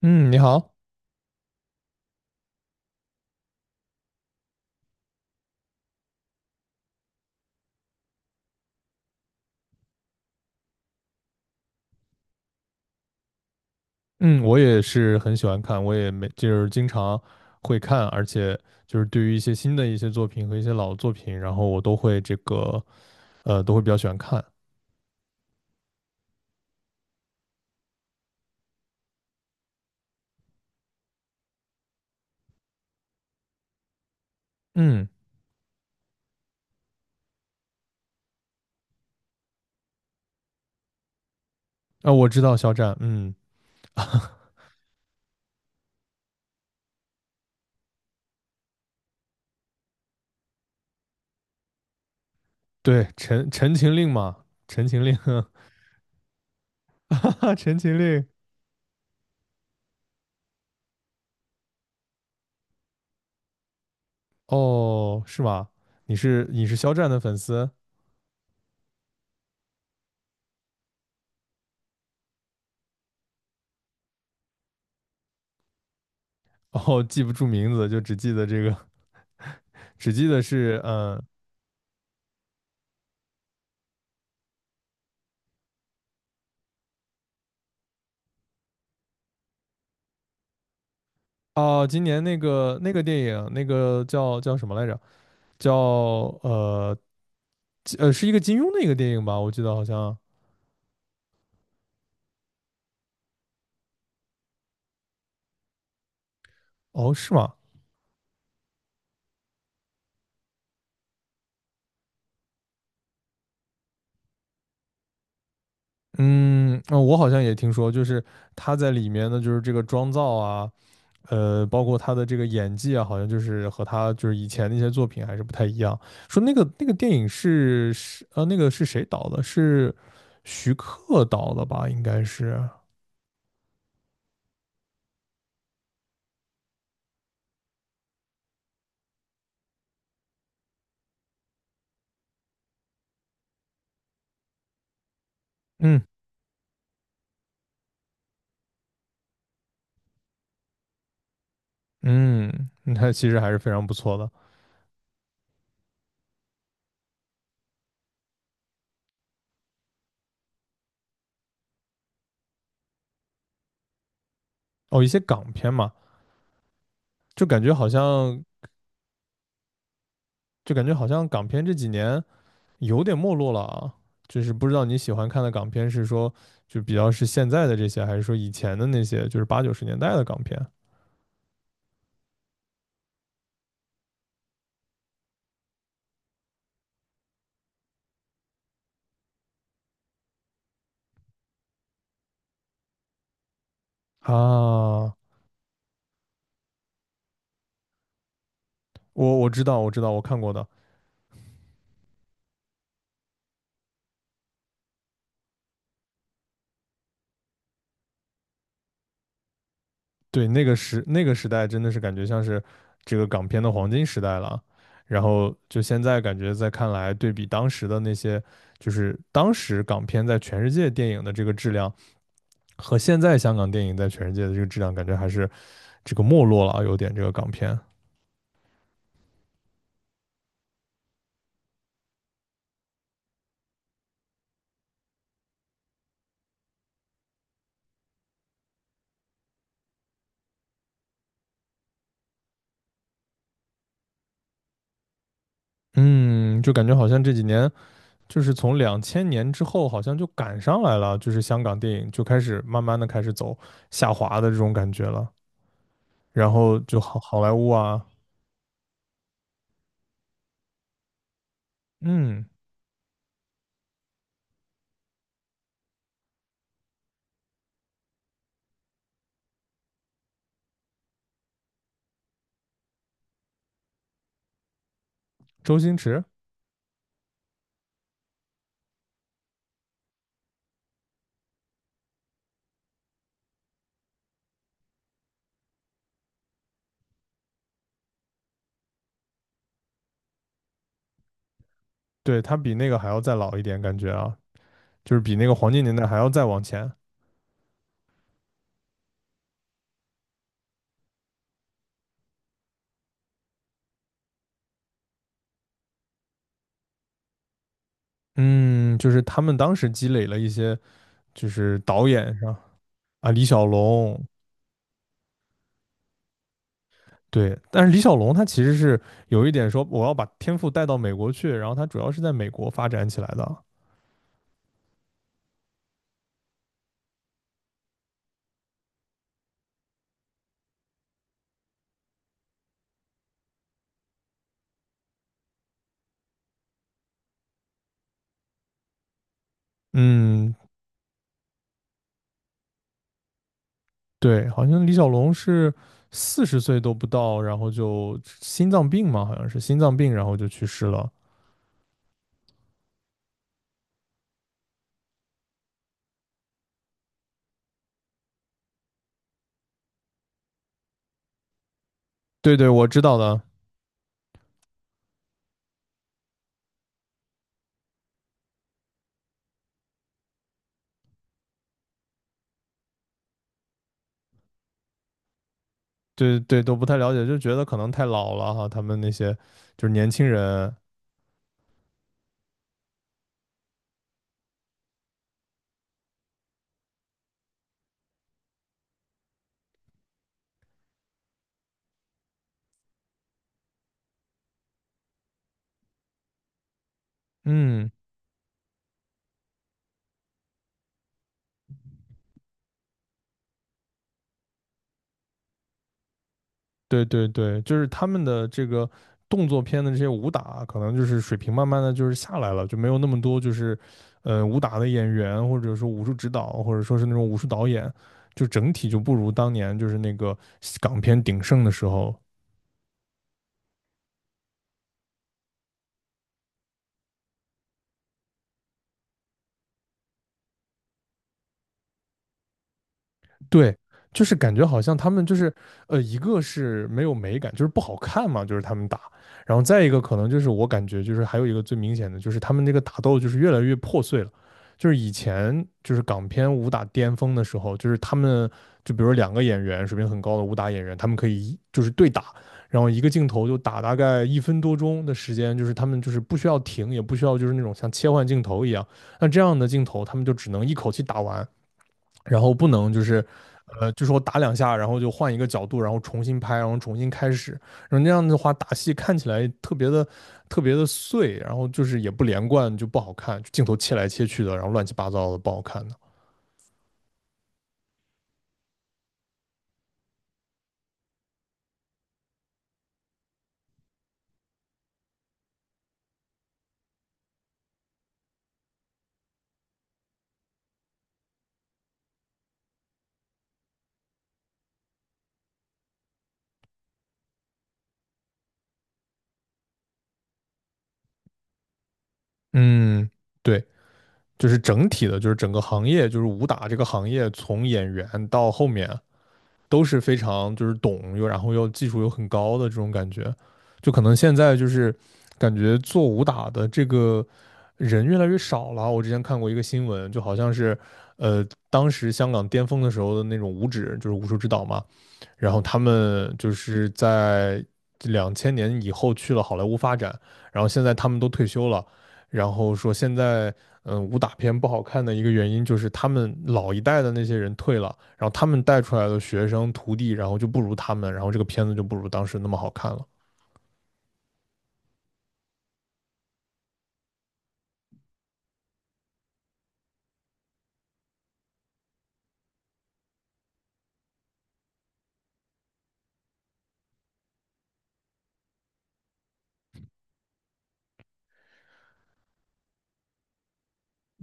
嗯，你好。嗯，我也是很喜欢看，我也没就是经常会看，而且就是对于一些新的一些作品和一些老作品，然后我都会都会比较喜欢看。嗯，啊，我知道肖战。嗯，对，《陈情令》嘛，《陈情令》，哈哈，《陈情令》。哦，是吗？你是肖战的粉丝？哦，记不住名字，就只记得这个，只记得是嗯。哦，今年那个电影，那个叫什么来着？叫呃是一个金庸的一个电影吧，我记得好像。哦，是吗？嗯，我好像也听说，就是他在里面呢，就是这个妆造啊，包括他的这个演技啊，好像就是和他就是以前那些作品还是不太一样。说那个电影那个是谁导的？是徐克导的吧？应该是。嗯嗯，他其实还是非常不错的。哦，一些港片嘛，就感觉好像，就感觉好像港片这几年，有点没落了啊。就是不知道你喜欢看的港片是说就比较是现在的这些，还是说以前的那些，就是八九十年代的港片啊？我知道，我知道，我看过的。对，那个时代真的是感觉像是这个港片的黄金时代了。然后就现在感觉在看来，对比当时的那些，就是当时港片在全世界电影的这个质量，和现在香港电影在全世界的这个质量，感觉还是这个没落了啊，有点这个港片。嗯，就感觉好像这几年就是从两千年之后，好像就赶上来了，就是香港电影就开始慢慢的开始走下滑的这种感觉了。然后就好莱坞啊。嗯，周星驰。对，他比那个还要再老一点，感觉啊，就是比那个黄金年代还要再往前。嗯，就是他们当时积累了一些，就是导演上。啊，李小龙。对，但是李小龙他其实是有一点说我要把天赋带到美国去，然后他主要是在美国发展起来的。嗯，对，好像李小龙是40岁都不到，然后就心脏病嘛，好像是心脏病，然后就去世了。对对，我知道的。对对，都不太了解，就觉得可能太老了哈，他们那些就是年轻人。嗯，对对对，就是他们的这个动作片的这些武打，可能就是水平慢慢的就是下来了，就没有那么多就是武打的演员，或者说武术指导，或者说是那种武术导演，就整体就不如当年就是那个港片鼎盛的时候。对，就是感觉好像他们就是，一个是没有美感，就是不好看嘛，就是他们打，然后再一个可能就是我感觉就是还有一个最明显的就是他们这个打斗就是越来越破碎了，就是以前就是港片武打巅峰的时候，就是他们就比如两个演员水平很高的武打演员，他们可以一就是对打，然后一个镜头就打大概1分多钟的时间，就是他们就是不需要停，也不需要就是那种像切换镜头一样，那这样的镜头他们就只能一口气打完。然后不能就是就是我打两下，然后就换一个角度，然后重新拍，然后重新开始，然后那样的话打戏看起来特别的特别的碎，然后就是也不连贯，就不好看，镜头切来切去的，然后乱七八糟的不好看的。嗯，对，就是整体的，就是整个行业，就是武打这个行业，从演员到后面都是非常就是懂又然后又技术又很高的这种感觉，就可能现在就是感觉做武打的这个人越来越少了。我之前看过一个新闻，就好像是呃当时香港巅峰的时候的那种武指，就是武术指导嘛，然后他们就是在两千年以后去了好莱坞发展，然后现在他们都退休了。然后说现在武打片不好看的一个原因就是他们老一代的那些人退了，然后他们带出来的学生徒弟，然后就不如他们，然后这个片子就不如当时那么好看了。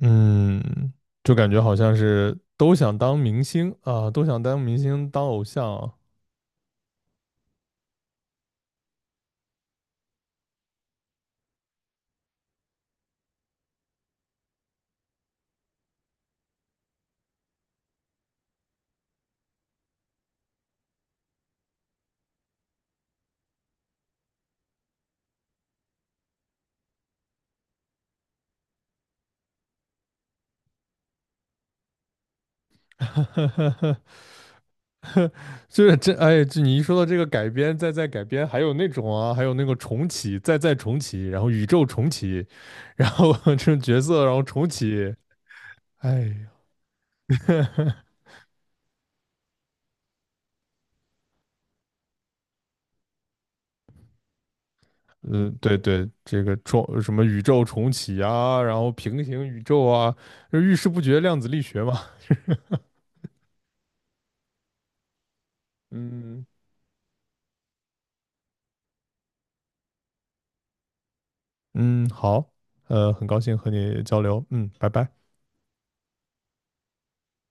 嗯，就感觉好像是都想当明星啊，都想当明星当偶像啊。就是这哎，就你一说到这个改编，再再改编，还有那种啊，还有那个重启，再再重启，然后宇宙重启，然后这种角色，然后重启，哎呀。嗯，对对，这个重什么宇宙重启啊，然后平行宇宙啊，就遇事不决，量子力学嘛。嗯嗯，好，很高兴和你交流，嗯，拜拜。